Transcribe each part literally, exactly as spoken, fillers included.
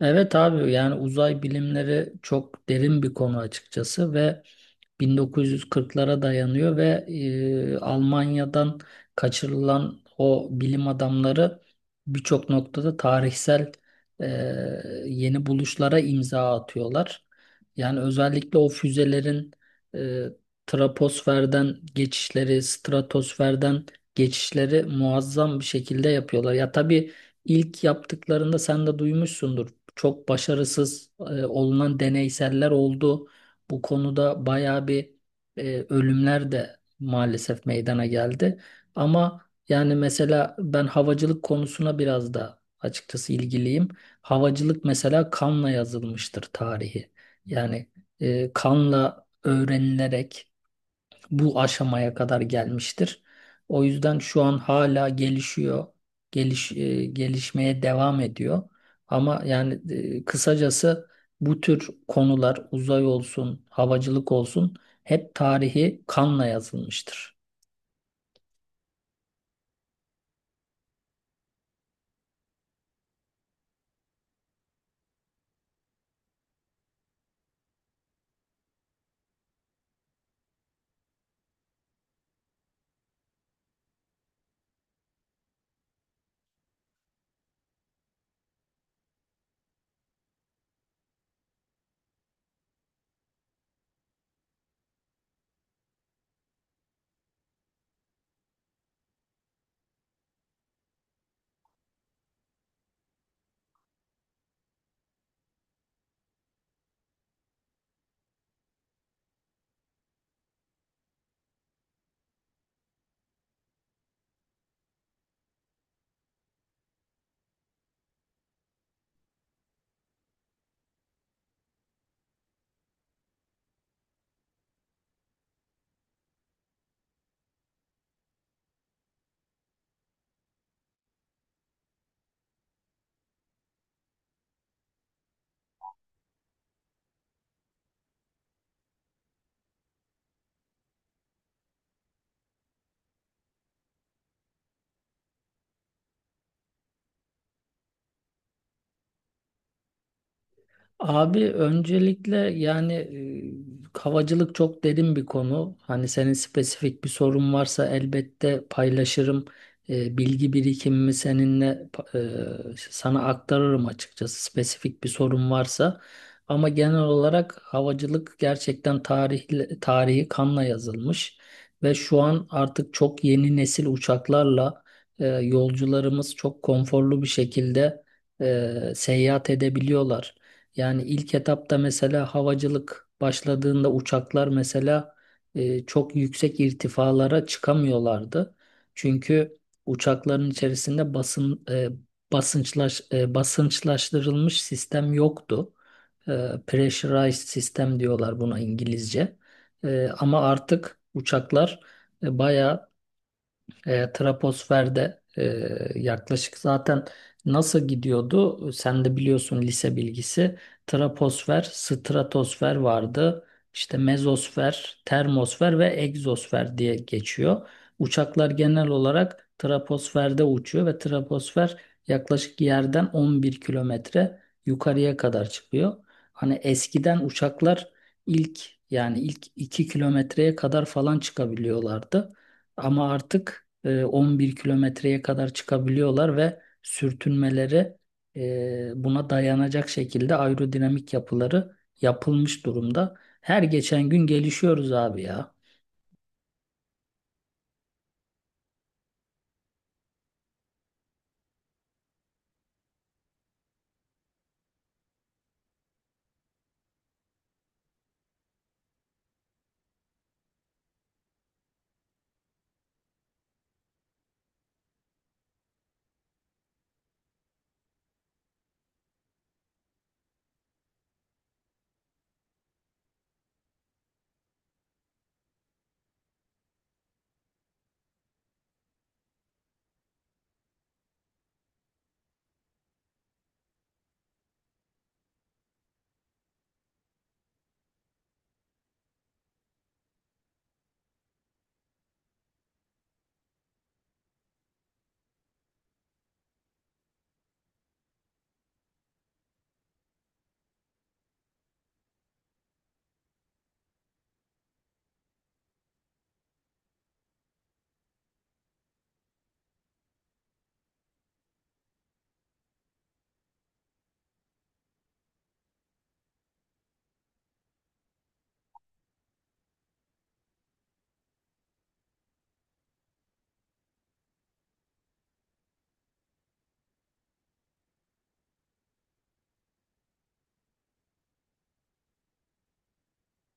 Evet abi, yani uzay bilimleri çok derin bir konu açıkçası ve bin dokuz yüz kırklara dayanıyor ve e, Almanya'dan kaçırılan o bilim adamları birçok noktada tarihsel, e, yeni buluşlara imza atıyorlar. Yani özellikle o füzelerin e, troposferden geçişleri, stratosferden geçişleri muazzam bir şekilde yapıyorlar. Ya tabii ilk yaptıklarında sen de duymuşsundur. Çok başarısız e, olunan deneyseller oldu. Bu konuda bayağı bir e, ölümler de maalesef meydana geldi. Ama yani mesela ben havacılık konusuna biraz da açıkçası ilgiliyim. Havacılık mesela kanla yazılmıştır tarihi. Yani e, kanla öğrenilerek bu aşamaya kadar gelmiştir. O yüzden şu an hala gelişiyor, geliş, e, gelişmeye devam ediyor. Ama yani e, kısacası bu tür konular uzay olsun, havacılık olsun hep tarihi kanla yazılmıştır. Abi öncelikle yani e, havacılık çok derin bir konu. Hani senin spesifik bir sorun varsa elbette paylaşırım. E, bilgi birikimimi seninle pa- e, sana aktarırım açıkçası spesifik bir sorun varsa. Ama genel olarak havacılık gerçekten tarihle, tarihi kanla yazılmış ve şu an artık çok yeni nesil uçaklarla e, yolcularımız çok konforlu bir şekilde e, seyahat edebiliyorlar. Yani ilk etapta mesela havacılık başladığında uçaklar mesela e, çok yüksek irtifalara çıkamıyorlardı. Çünkü uçakların içerisinde basın e, basınçlaş e, basınçlaştırılmış sistem yoktu. E, Pressurized sistem diyorlar buna İngilizce. E, ama artık uçaklar, e, bayağı e, troposferde, e, yaklaşık, zaten nasıl gidiyordu? Sen de biliyorsun, lise bilgisi. Troposfer, stratosfer vardı. İşte mezosfer, termosfer ve egzosfer diye geçiyor. Uçaklar genel olarak troposferde uçuyor ve troposfer yaklaşık yerden on bir kilometre yukarıya kadar çıkıyor. Hani eskiden uçaklar ilk, yani ilk iki kilometreye kadar falan çıkabiliyorlardı. Ama artık e, on bir kilometreye kadar çıkabiliyorlar ve sürtünmeleri e, buna dayanacak şekilde aerodinamik yapıları yapılmış durumda. Her geçen gün gelişiyoruz abi ya.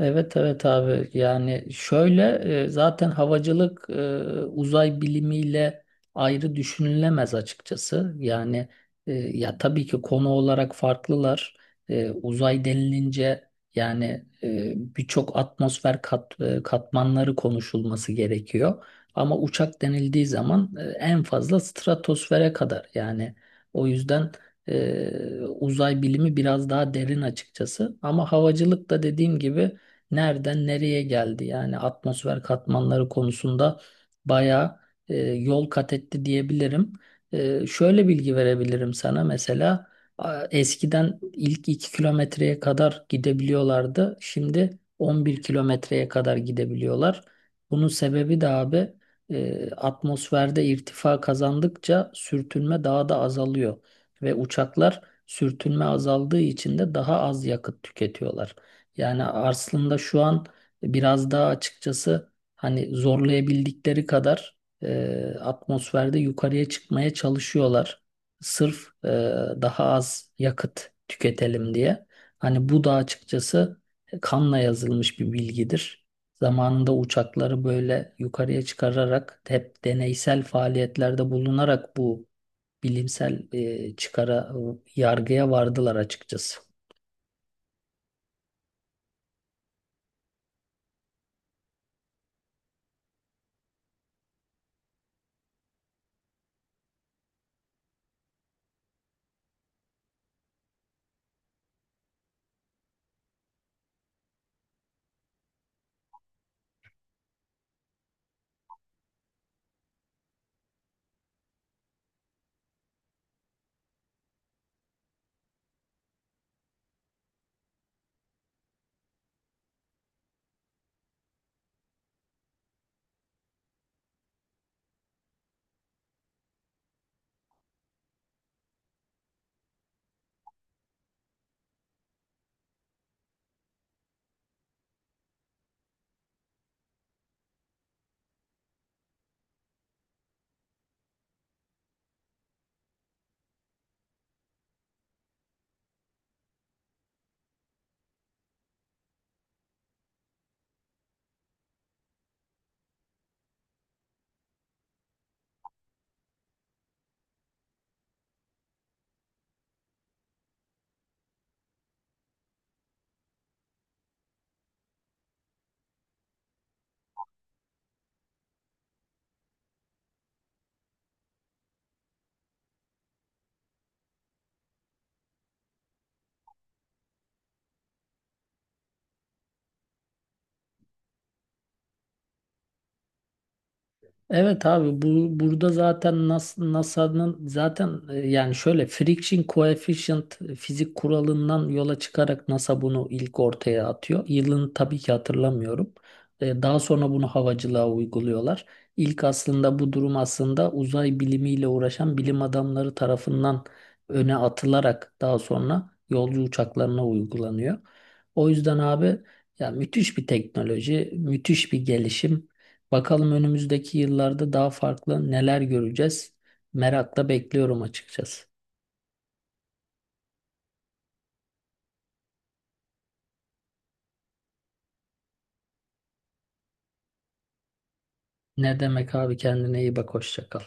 Evet, evet abi, yani şöyle, e, zaten havacılık e, uzay bilimiyle ayrı düşünülemez açıkçası. Yani e, ya tabii ki konu olarak farklılar. E, uzay denilince yani, e, birçok atmosfer kat, e, katmanları konuşulması gerekiyor. Ama uçak denildiği zaman e, en fazla stratosfere kadar, yani o yüzden e, uzay bilimi biraz daha derin açıkçası. Ama havacılık da, dediğim gibi, nereden nereye geldi? Yani atmosfer katmanları konusunda bayağı e, yol kat etti diyebilirim. E, şöyle bilgi verebilirim sana mesela, a- eskiden ilk iki kilometreye kadar gidebiliyorlardı. Şimdi on bir kilometreye kadar gidebiliyorlar. Bunun sebebi de abi, e, atmosferde irtifa kazandıkça sürtünme daha da azalıyor ve uçaklar sürtünme azaldığı için de daha az yakıt tüketiyorlar. Yani aslında şu an biraz daha açıkçası hani zorlayabildikleri kadar e, atmosferde yukarıya çıkmaya çalışıyorlar. Sırf e, daha az yakıt tüketelim diye. Hani bu da açıkçası kanla yazılmış bir bilgidir. Zamanında uçakları böyle yukarıya çıkararak, hep deneysel faaliyetlerde bulunarak bu bilimsel, e, çıkara yargıya vardılar açıkçası. Evet abi, bu burada zaten NASA'nın NASA'nın zaten, e, yani şöyle friction coefficient fizik kuralından yola çıkarak NASA bunu ilk ortaya atıyor. Yılını tabii ki hatırlamıyorum. E, Daha sonra bunu havacılığa uyguluyorlar. İlk aslında bu durum, aslında uzay bilimiyle uğraşan bilim adamları tarafından öne atılarak daha sonra yolcu uçaklarına uygulanıyor. O yüzden abi, ya, müthiş bir teknoloji, müthiş bir gelişim. Bakalım önümüzdeki yıllarda daha farklı neler göreceğiz. Merakla bekliyorum açıkçası. Ne demek abi, kendine iyi bak, hoşça kal.